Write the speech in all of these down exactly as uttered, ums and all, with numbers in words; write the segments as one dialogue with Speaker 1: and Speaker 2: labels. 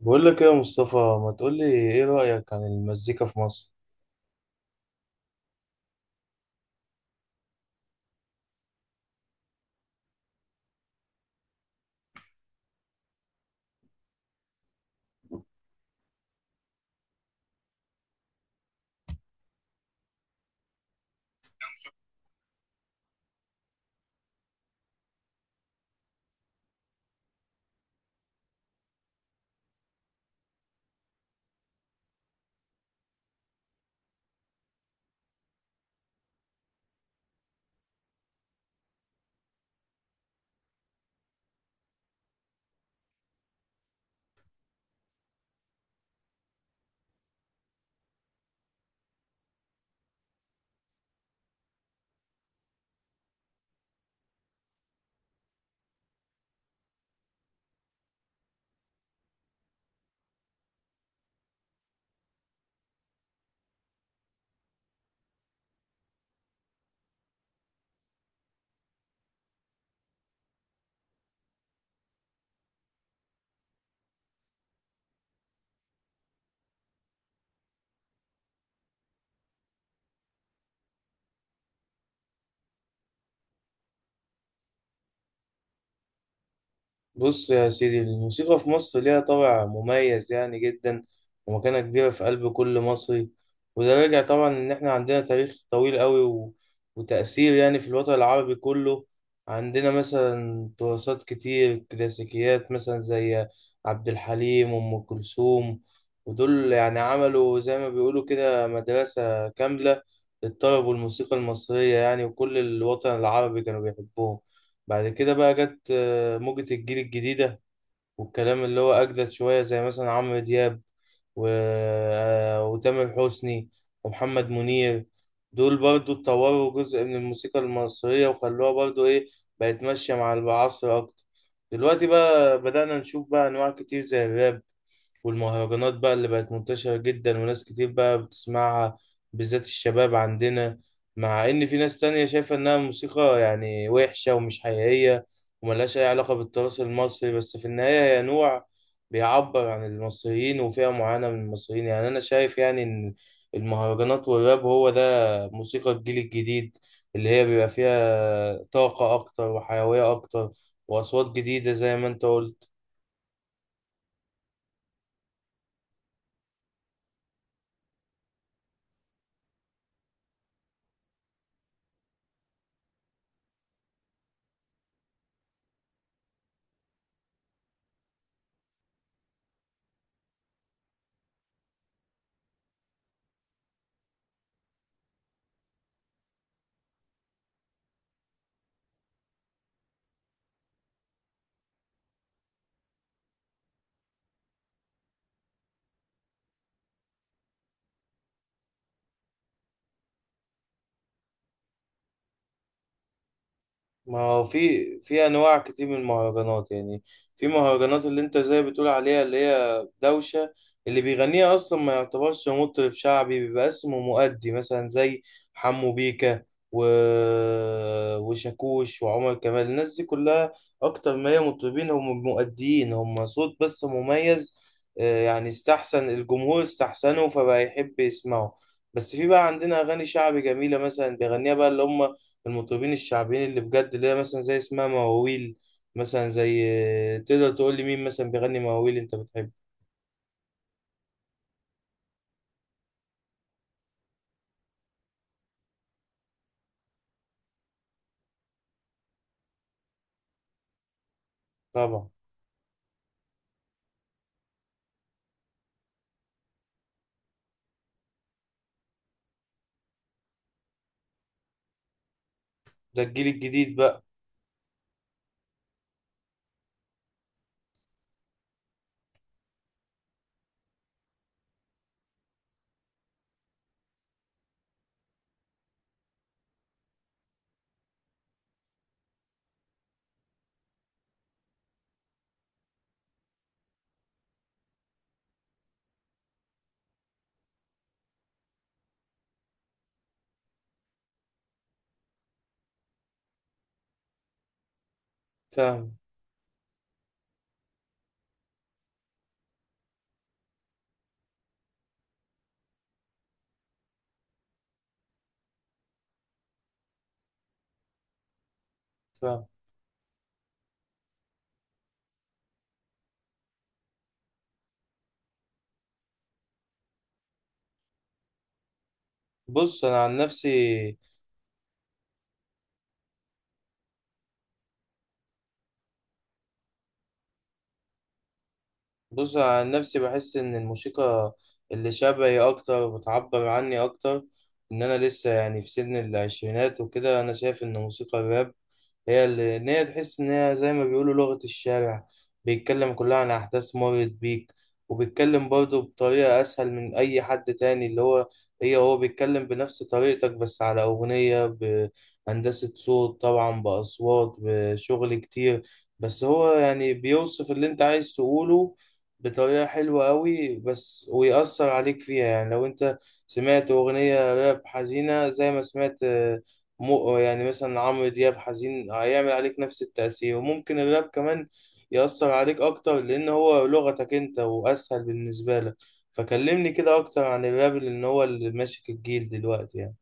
Speaker 1: بقول لك ايه يا مصطفى، ما تقول لي ايه رأيك عن المزيكا في مصر؟ بص يا سيدي، الموسيقى في مصر ليها طابع مميز يعني جدا ومكانة كبيرة في قلب كل مصري. وده راجع طبعا إن إحنا عندنا تاريخ طويل قوي و... وتأثير يعني في الوطن العربي كله. عندنا مثلا تراثات كتير، كلاسيكيات مثلا زي عبد الحليم وأم كلثوم. ودول يعني عملوا زي ما بيقولوا كده مدرسة كاملة للطرب والموسيقى المصرية يعني، وكل الوطن العربي كانوا بيحبوهم. بعد كده بقى جت موجة الجيل الجديدة والكلام اللي هو أجدد شوية زي مثلا عمرو دياب و... آه، وتامر حسني ومحمد منير. دول برضو اتطوروا جزء من الموسيقى المصرية وخلوها برضو إيه، بقت ماشية مع العصر أكتر. دلوقتي بقى بدأنا نشوف بقى أنواع كتير زي الراب والمهرجانات، بقى اللي بقت منتشرة جدا وناس كتير بقى بتسمعها بالذات الشباب عندنا. مع إن في ناس تانية شايفة إنها موسيقى يعني وحشة ومش حقيقية وملهاش أي علاقة بالتراث المصري، بس في النهاية هي نوع بيعبر عن المصريين وفئة معينة من المصريين. يعني أنا شايف يعني إن المهرجانات والراب هو ده موسيقى الجيل الجديد، اللي هي بيبقى فيها طاقة أكتر وحيوية أكتر وأصوات جديدة زي ما أنت قلت. ما هو في في انواع كتير من المهرجانات يعني. في مهرجانات اللي انت زي بتقول عليها اللي هي دوشه، اللي بيغنيها اصلا ما يعتبرش مطرب شعبي، بيبقى اسمه مؤدي، مثلا زي حمو بيكا و... وشاكوش وعمر كمال. الناس دي كلها اكتر ما هي مطربين، هم مؤديين، هم صوت بس مميز، آه، يعني استحسن الجمهور استحسنه فبقى يحب يسمعه. بس في بقى عندنا اغاني شعبي جميله مثلا بيغنيها بقى اللي هم المطربين الشعبيين اللي بجد، اللي هي مثلا زي اسمها مواويل. مثلا زي، تقدر تقول لي مين مثلا بيغني مواويل انت بتحبه؟ طبعا. ده الجيل الجديد بقى. فاهم فاهم بص انا عن نفسي بص عن نفسي، بحس إن الموسيقى اللي شبهي أكتر وبتعبر عني أكتر، إن أنا لسه يعني في سن العشرينات وكده. أنا شايف إن موسيقى الراب هي اللي، إن هي تحس إن هي زي ما بيقولوا لغة الشارع، بيتكلم كلها عن أحداث مرت بيك. وبيتكلم برضه بطريقة أسهل من أي حد تاني، اللي هو، هي هو بيتكلم بنفس طريقتك بس على أغنية بهندسة صوت طبعا بأصوات بشغل كتير. بس هو يعني بيوصف اللي أنت عايز تقوله بطريقة حلوة أوي بس، ويأثر عليك فيها. يعني لو أنت سمعت أغنية راب حزينة زي ما سمعت، آه، مو يعني مثلا عمرو دياب حزين، هيعمل عليك نفس التأثير. وممكن الراب كمان يأثر عليك أكتر لأن هو لغتك أنت وأسهل بالنسبة لك. فكلمني كده أكتر عن الراب لأن هو اللي ماسك الجيل دلوقتي يعني.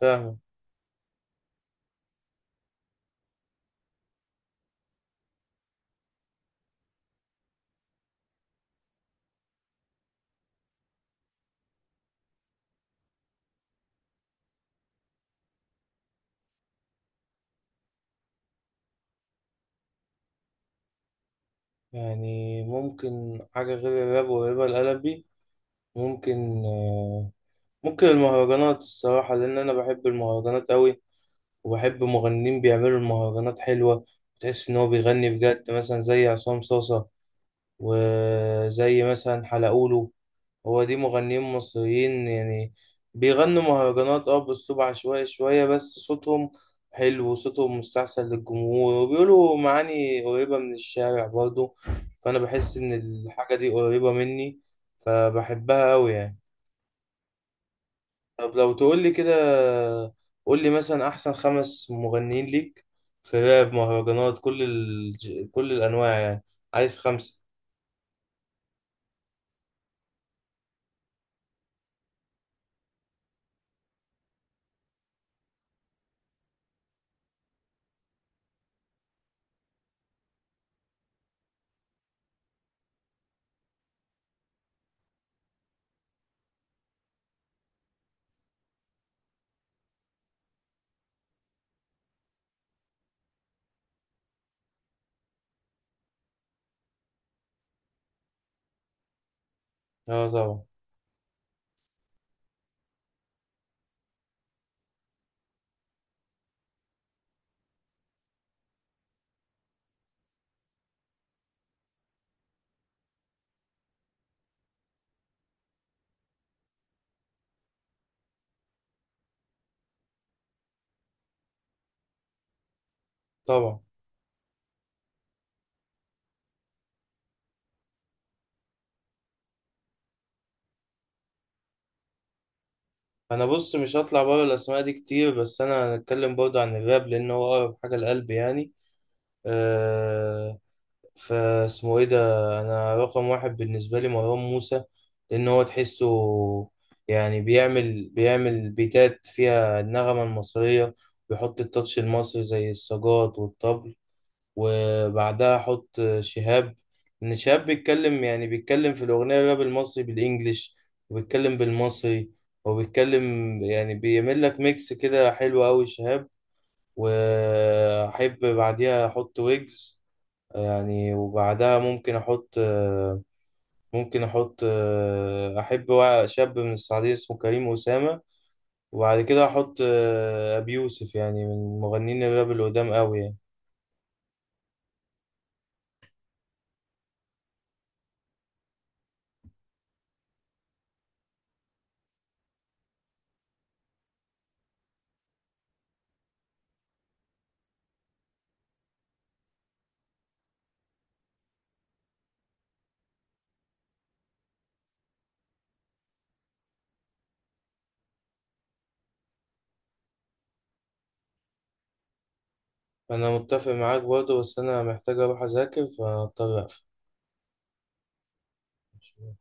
Speaker 1: فاهمك. يعني ممكن حاجة غير الراب وقريبة لقلبي، ممكن آه، ممكن المهرجانات الصراحة، لأن أنا بحب المهرجانات أوي وبحب مغنيين بيعملوا المهرجانات حلوة، وتحس إن هو بيغني بجد مثلا زي عصام صاصة وزي مثلا حلقولو. هو دي مغنيين مصريين يعني بيغنوا مهرجانات اه بأسلوب عشوائي شوية بس صوتهم حلو، وصوتهم مستحسن للجمهور وبيقولوا معاني قريبة من الشارع برضه. فأنا بحس إن الحاجة دي قريبة مني فبحبها أوي يعني. طب لو تقول لي كده، قول لي مثلا احسن خمس مغنيين ليك في راب، مهرجانات، كل ال... كل الانواع يعني. عايز خمسة. اه، طبعا طبعا انا بص مش هطلع بره الاسماء دي كتير بس انا هنتكلم برضه عن الراب لان هو اقرب حاجة لقلبي يعني. آه، فاسمه ايه ده، انا رقم واحد بالنسبه لي مروان موسى، لان هو تحسه يعني بيعمل بيعمل بيتات فيها النغمه المصريه، بيحط التاتش المصري زي السجاط والطبل. وبعدها احط شهاب، ان شهاب بيتكلم يعني بيتكلم في الاغنيه الراب المصري بالانجليش، وبيتكلم بالمصري، وبيتكلم يعني بيعمل لك ميكس كده حلو قوي شهاب. واحب بعديها احط ويجز يعني. وبعدها ممكن احط آه، ممكن احط آه، احب وا- شاب من السعودية اسمه كريم أسامة. وبعد كده احط آه، ابي يوسف يعني من مغنيين الراب اللي قدام قوي يعني. انا متفق معاك برضه بس انا محتاج اروح اذاكر فاضطر اقفل.